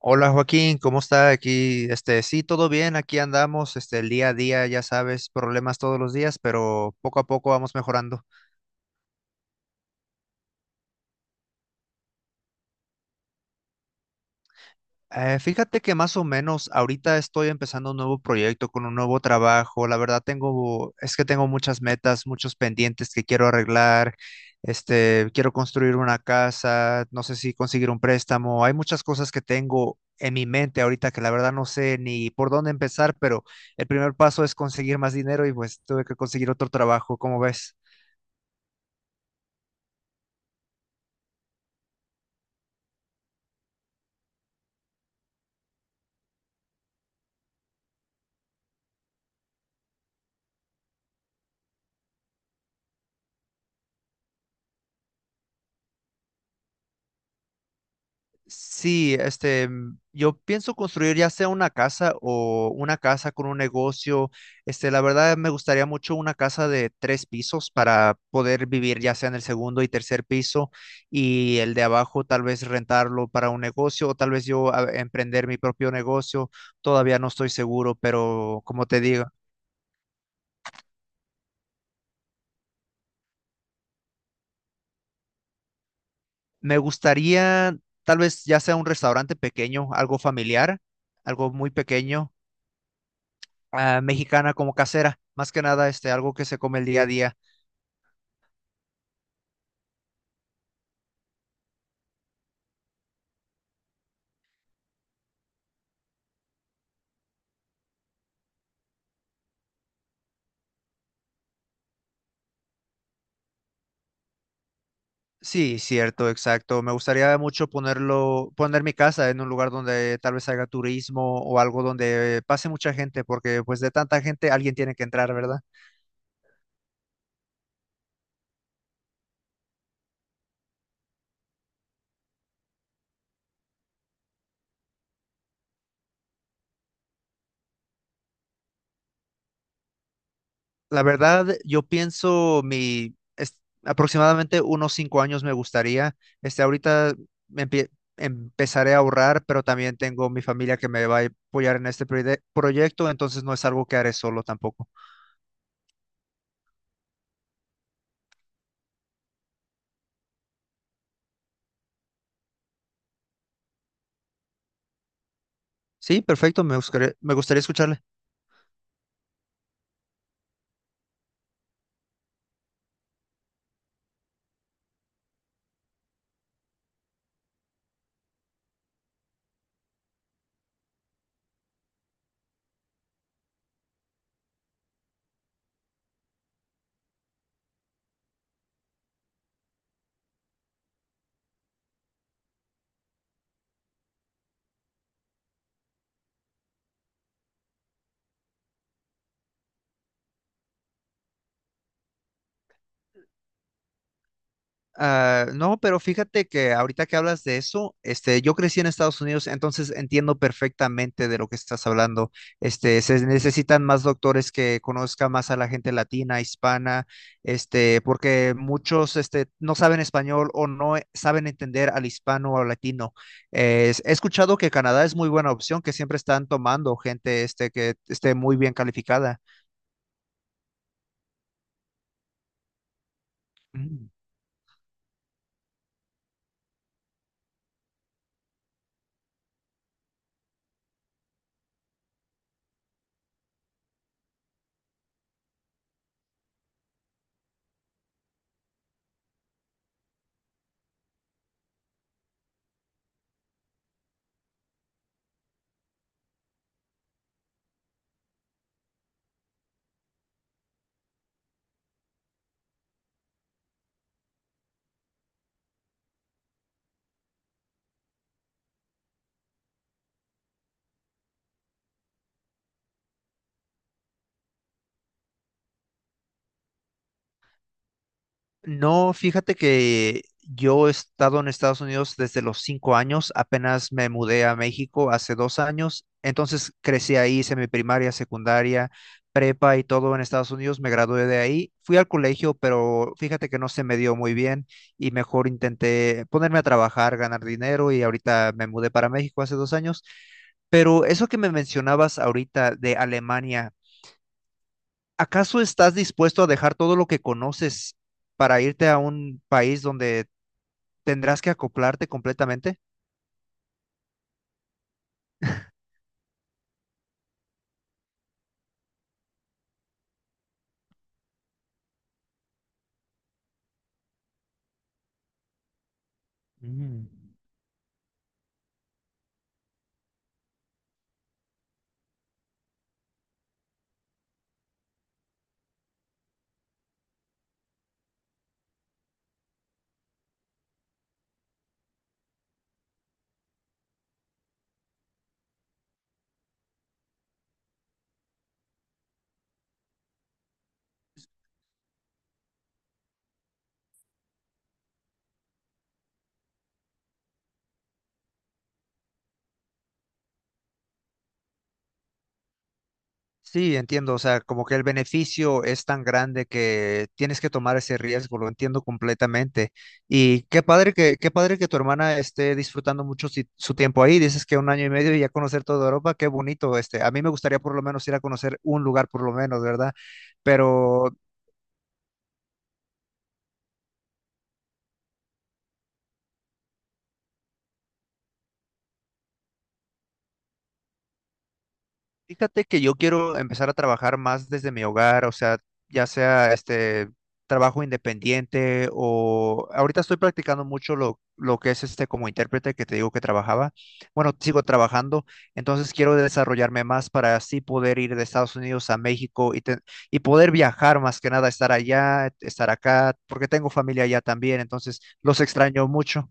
Hola Joaquín, ¿cómo está aquí? Sí, todo bien, aquí andamos, el día a día, ya sabes, problemas todos los días, pero poco a poco vamos mejorando. Fíjate que más o menos ahorita estoy empezando un nuevo proyecto con un nuevo trabajo. La verdad es que tengo muchas metas, muchos pendientes que quiero arreglar. Quiero construir una casa, no sé si conseguir un préstamo. Hay muchas cosas que tengo en mi mente ahorita que la verdad no sé ni por dónde empezar, pero el primer paso es conseguir más dinero y pues tuve que conseguir otro trabajo. ¿Cómo ves? Sí, yo pienso construir ya sea una casa o una casa con un negocio. La verdad me gustaría mucho una casa de tres pisos para poder vivir ya sea en el segundo y tercer piso y el de abajo tal vez rentarlo para un negocio o tal vez yo emprender mi propio negocio. Todavía no estoy seguro, pero como te digo, me gustaría tal vez ya sea un restaurante pequeño, algo familiar, algo muy pequeño. Mexicana como casera, más que nada algo que se come el día a día. Sí, cierto, exacto. Me gustaría mucho poner mi casa en un lugar donde tal vez haga turismo o algo donde pase mucha gente, porque pues de tanta gente alguien tiene que entrar, ¿verdad? La verdad, yo pienso aproximadamente unos 5 años me gustaría. Ahorita me empie- empezaré a ahorrar, pero también tengo mi familia que me va a apoyar en este proyecto, entonces no es algo que haré solo tampoco. Sí, perfecto, me gustaría escucharle. No, pero fíjate que ahorita que hablas de eso, yo crecí en Estados Unidos, entonces entiendo perfectamente de lo que estás hablando. Se necesitan más doctores que conozcan más a la gente latina, hispana, porque muchos, no saben español o no e- saben entender al hispano o latino. He escuchado que Canadá es muy buena opción, que siempre están tomando gente, que esté muy bien calificada. Mm. No, fíjate que yo he estado en Estados Unidos desde los 5 años, apenas me mudé a México hace 2 años, entonces crecí ahí, hice mi primaria, secundaria, prepa y todo en Estados Unidos, me gradué de ahí, fui al colegio, pero fíjate que no se me dio muy bien y mejor intenté ponerme a trabajar, ganar dinero y ahorita me mudé para México hace 2 años. Pero eso que me mencionabas ahorita de Alemania, ¿acaso estás dispuesto a dejar todo lo que conoces para irte a un país donde tendrás que acoplarte completamente? Mm. Sí, entiendo, o sea, como que el beneficio es tan grande que tienes que tomar ese riesgo, lo entiendo completamente. Y qué padre que tu hermana esté disfrutando mucho su tiempo ahí. Dices que un año y medio y ya conocer toda Europa, qué bonito. A mí me gustaría por lo menos ir a conocer un lugar por lo menos, ¿verdad? Mm. Pero fíjate que yo quiero empezar a trabajar más desde mi hogar, o sea, ya sea este trabajo independiente o ahorita estoy practicando mucho lo que es como intérprete que te digo que trabajaba. Bueno, sigo trabajando, entonces quiero desarrollarme más para así poder ir de Estados Unidos a México y, y poder viajar más que nada, estar allá, estar acá, porque tengo familia allá también, entonces los extraño mucho.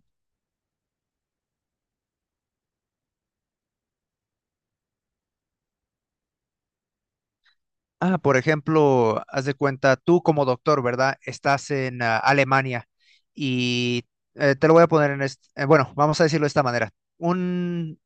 Por ejemplo, haz de cuenta, tú como doctor, ¿verdad? Estás en Alemania y te lo voy a poner en bueno, vamos a decirlo de esta manera. Un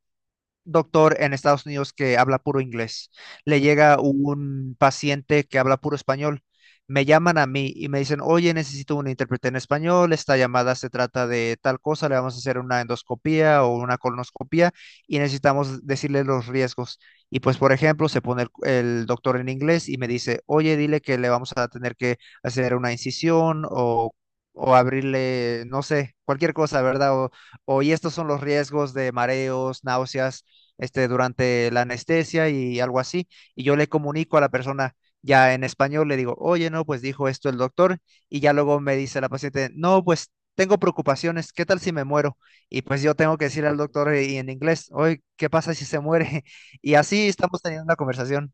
doctor en Estados Unidos que habla puro inglés. Le llega un paciente que habla puro español. Me llaman a mí y me dicen, oye, necesito un intérprete en español, esta llamada se trata de tal cosa, le vamos a hacer una endoscopía o una colonoscopía y necesitamos decirle los riesgos. Y pues, por ejemplo, se pone el doctor en inglés y me dice, oye, dile que le vamos a tener que hacer una incisión o abrirle, no sé, cualquier cosa, ¿verdad? O, y estos son los riesgos de mareos, náuseas, durante la anestesia y algo así, y yo le comunico a la persona ya en español, le digo, oye, no, pues dijo esto el doctor, y ya luego me dice la paciente, no, pues tengo preocupaciones, ¿qué tal si me muero? Y pues yo tengo que decir al doctor, y en inglés, oye, ¿qué pasa si se muere? Y así estamos teniendo una conversación.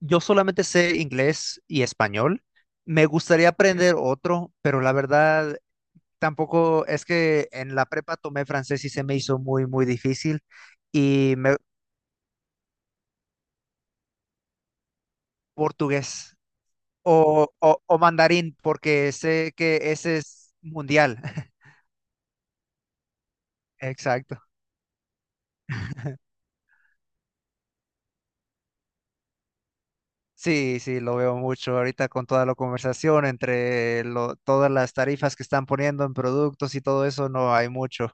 Yo solamente sé inglés y español. Me gustaría aprender otro, pero la verdad tampoco, es que en la prepa tomé francés y se me hizo muy, muy difícil. Y me, portugués o mandarín, porque sé que ese es mundial. Exacto. Sí, sí, lo veo mucho ahorita con toda la conversación entre todas las tarifas que están poniendo en productos y todo eso, no hay mucho.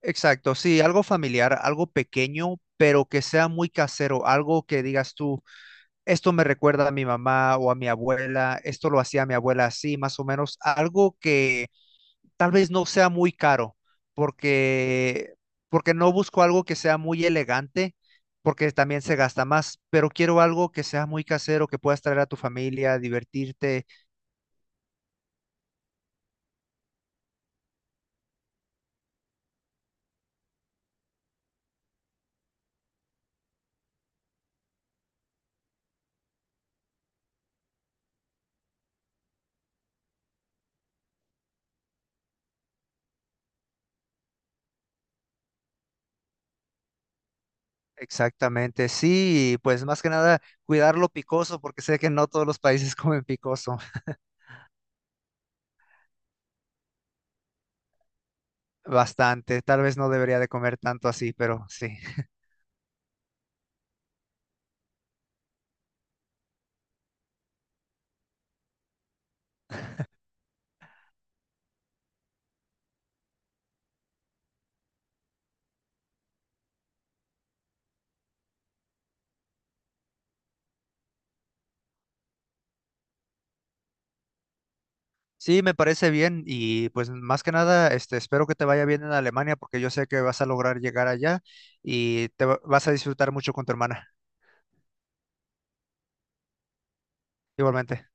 Exacto, sí, algo familiar, algo pequeño, pero que sea muy casero, algo que digas tú, esto me recuerda a mi mamá o a mi abuela, esto lo hacía mi abuela así, más o menos, algo que tal vez no sea muy caro, porque, porque no busco algo que sea muy elegante, porque también se gasta más, pero quiero algo que sea muy casero, que puedas traer a tu familia, divertirte. Exactamente, sí, pues más que nada cuidar lo picoso, porque sé que no todos los países comen picoso bastante, tal vez no debería de comer tanto así, pero sí. Sí, me parece bien y pues más que nada, espero que te vaya bien en Alemania, porque yo sé que vas a lograr llegar allá y vas a disfrutar mucho con tu hermana. Igualmente.